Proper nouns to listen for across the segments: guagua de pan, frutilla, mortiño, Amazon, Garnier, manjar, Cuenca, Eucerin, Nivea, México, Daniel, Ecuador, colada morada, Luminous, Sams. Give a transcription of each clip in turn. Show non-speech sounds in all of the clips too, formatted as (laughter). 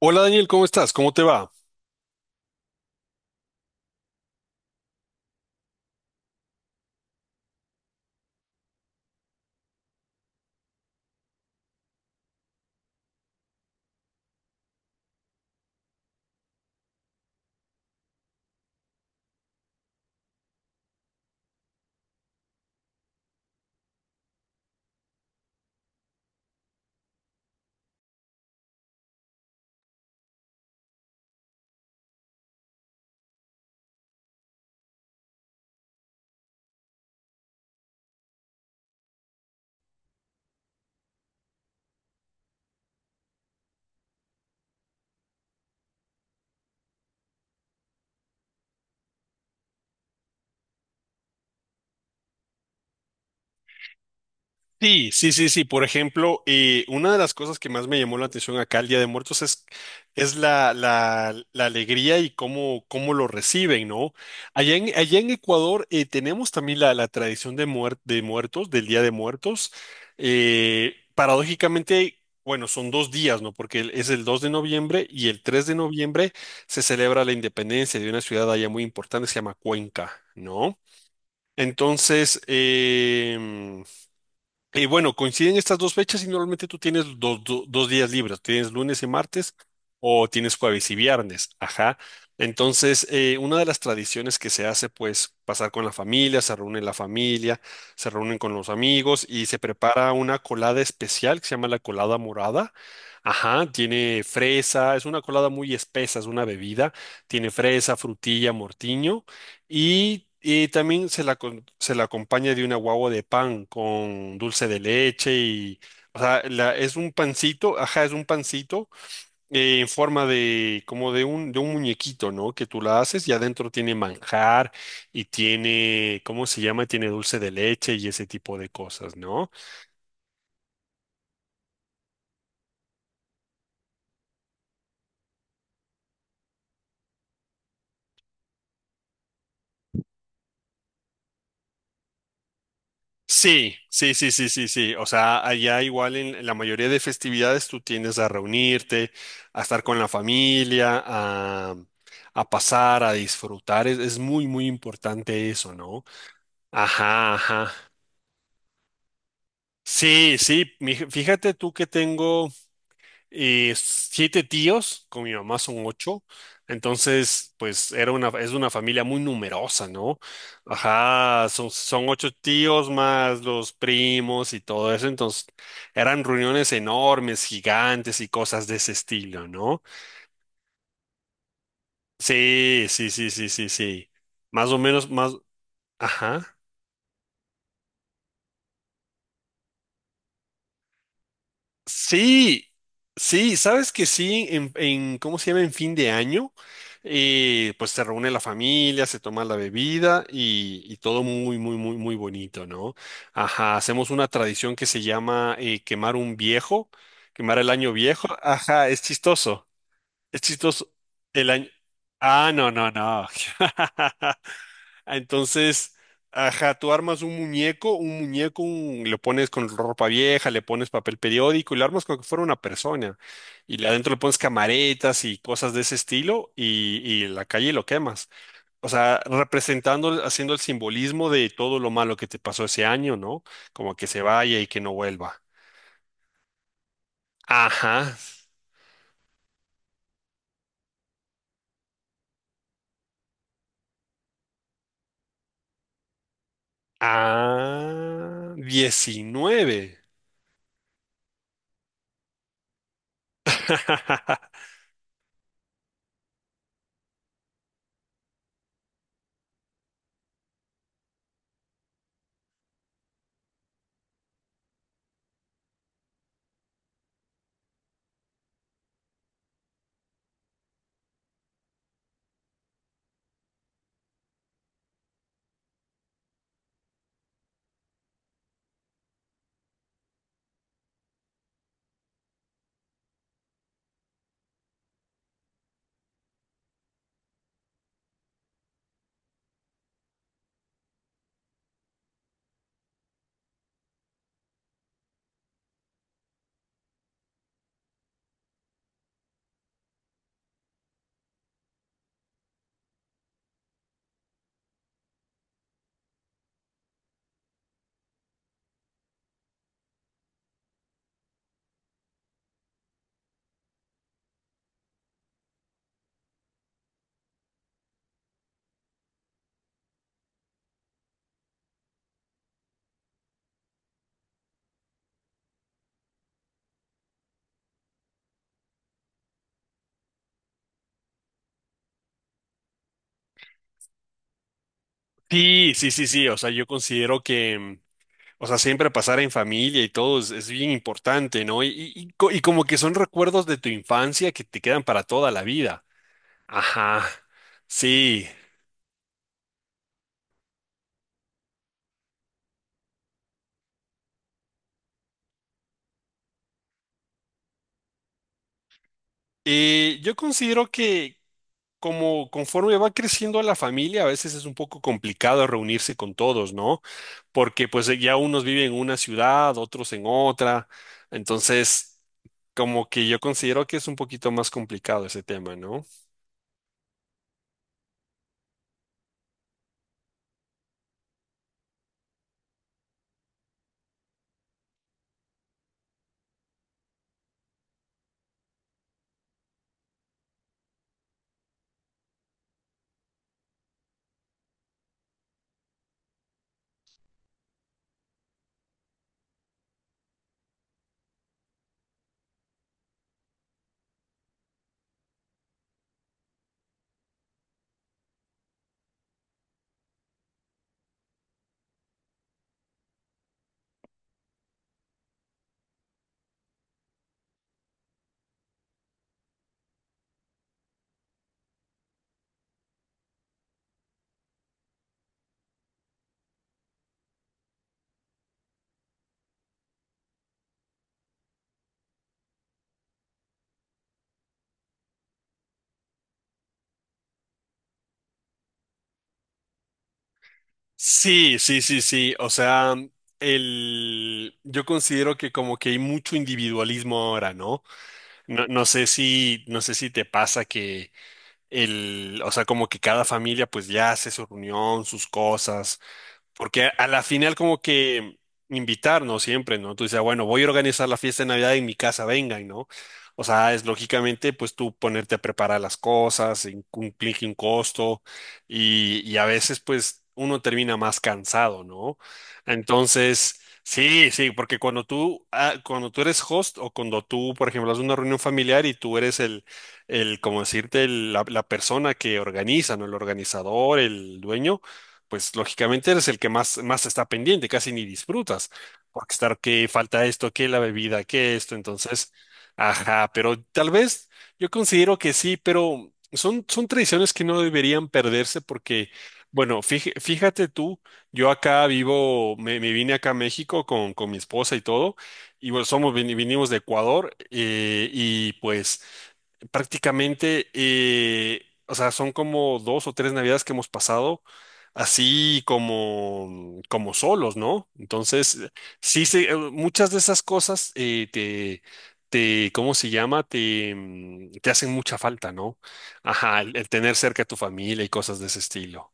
Hola Daniel, ¿cómo estás? ¿Cómo te va? Sí, sí, sí, sí. Por ejemplo, una de las cosas que más me llamó la atención acá el Día de Muertos es la alegría y cómo lo reciben, ¿no? Allá en Ecuador tenemos también la tradición de muertos, del Día de Muertos. Paradójicamente, bueno, son 2 días, ¿no? Porque es el 2 de noviembre y el 3 de noviembre se celebra la independencia de una ciudad allá muy importante, se llama Cuenca, ¿no? Entonces, y bueno, coinciden estas dos fechas y normalmente tú tienes dos días libres, tienes lunes y martes o tienes jueves y viernes, ajá. Entonces, una de las tradiciones que se hace, pues, pasar con la familia, se reúne la familia, se reúnen con los amigos y se prepara una colada especial que se llama la colada morada. Ajá, tiene fresa, es una colada muy espesa, es una bebida, tiene fresa, frutilla, mortiño. Y también se la acompaña de una guagua de pan con dulce de leche y, o sea, es un pancito, ajá, es un pancito en forma de, como de un muñequito, ¿no? Que tú la haces y adentro tiene manjar y tiene, ¿cómo se llama? Tiene dulce de leche y ese tipo de cosas, ¿no? Sí, sí, sí, sí, sí, sí. O sea, allá igual en la mayoría de festividades tú tiendes a reunirte, a estar con la familia, a pasar, a disfrutar. Es muy, muy importante eso, ¿no? Ajá, ajá. Sí, sí. Fíjate tú que tengo. Y siete tíos, con mi mamá son ocho. Entonces, pues es una familia muy numerosa, ¿no? Ajá, son ocho tíos más los primos y todo eso. Entonces, eran reuniones enormes, gigantes y cosas de ese estilo, ¿no? Sí, sí, sí, sí, sí, sí. Más o menos, más, ajá. Sí, sí, sabes que sí, ¿cómo se llama? En fin de año, pues se reúne la familia, se toma la bebida y todo muy, muy, muy, muy bonito, ¿no? Ajá, hacemos una tradición que se llama quemar un viejo, quemar el año viejo. Ajá, es chistoso, es chistoso. El año... Ah, no, no, no. (laughs) Ah, entonces, ajá, tú armas un muñeco, le pones con ropa vieja, le pones papel periódico y lo armas como que fuera una persona. Y adentro le pones camaretas y cosas de ese estilo y en la calle lo quemas. O sea, representando, haciendo el simbolismo de todo lo malo que te pasó ese año, ¿no? Como que se vaya y que no vuelva. Ajá. Ah, 19. (laughs) Sí, sí, sí, sí. O sea, yo considero que, o sea, siempre pasar en familia y todo es bien importante, ¿no? Y como que son recuerdos de tu infancia que te quedan para toda la vida. Ajá, sí. Yo considero que como conforme va creciendo la familia, a veces es un poco complicado reunirse con todos, ¿no? Porque pues ya unos viven en una ciudad, otros en otra. Entonces, como que yo considero que es un poquito más complicado ese tema, ¿no? Sí, sí, sí, sí. O sea, yo considero que como que hay mucho individualismo ahora, ¿no? No, no sé si te pasa que o sea, como que cada familia pues ya hace su reunión, sus cosas, porque a la final como que invitarnos siempre, ¿no? Tú dices, "Ah, bueno, voy a organizar la fiesta de Navidad en mi casa, vengan, ¿no?" O sea, es lógicamente pues tú ponerte a preparar las cosas, implica un costo y a veces pues uno termina más cansado, ¿no? Entonces, sí, sí, porque cuando tú eres host o cuando tú, por ejemplo, haces una reunión familiar y tú eres como decirte, la persona que organiza, ¿no? El organizador, el dueño pues lógicamente eres el que más está pendiente, casi ni disfrutas, porque estar que falta esto, que la bebida, que esto, entonces, ajá, pero tal vez yo considero que sí, pero son tradiciones que no deberían perderse porque, bueno, fíjate tú, yo acá vivo, me vine acá a México con mi esposa y todo, y bueno, vinimos de Ecuador, y pues... Prácticamente, o sea, son como dos o tres navidades que hemos pasado así como solos, ¿no? Entonces, sí, muchas de esas cosas ¿cómo se llama? Te hacen mucha falta, ¿no? Ajá, el tener cerca a tu familia y cosas de ese estilo.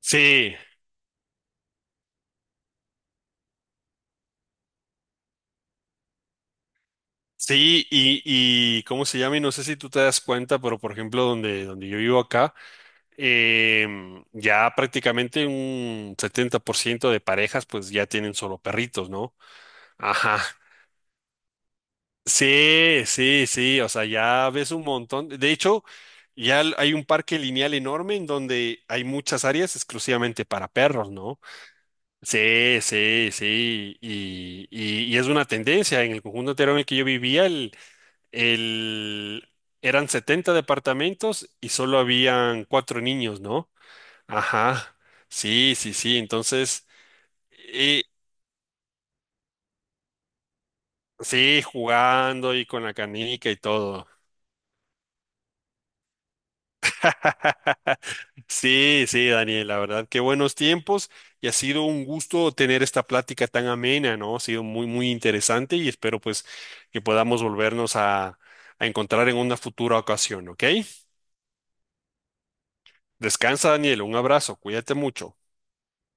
Sí, sí, y ¿cómo se llama? Y no sé si tú te das cuenta, pero por ejemplo, donde yo vivo acá, ya prácticamente un 70% de parejas pues ya tienen solo perritos, ¿no? Ajá. Sí, sí, sí, o sea, ya ves un montón. De hecho, hay un parque lineal enorme en donde hay muchas áreas exclusivamente para perros, ¿no? Sí, sí, sí, y es una tendencia. En el conjunto entero en el que yo vivía, el, eran 70 departamentos y solo habían cuatro niños, ¿no? Ajá, sí, sí, sí, entonces, y, sí, jugando y con la canica y todo. (laughs) Sí, sí, Daniel, la verdad, qué buenos tiempos y ha sido un gusto tener esta plática tan amena, ¿no? Ha sido muy, muy interesante y espero pues que podamos volvernos a, encontrar en una futura ocasión, ¿ok? Descansa, Daniel, un abrazo, cuídate mucho.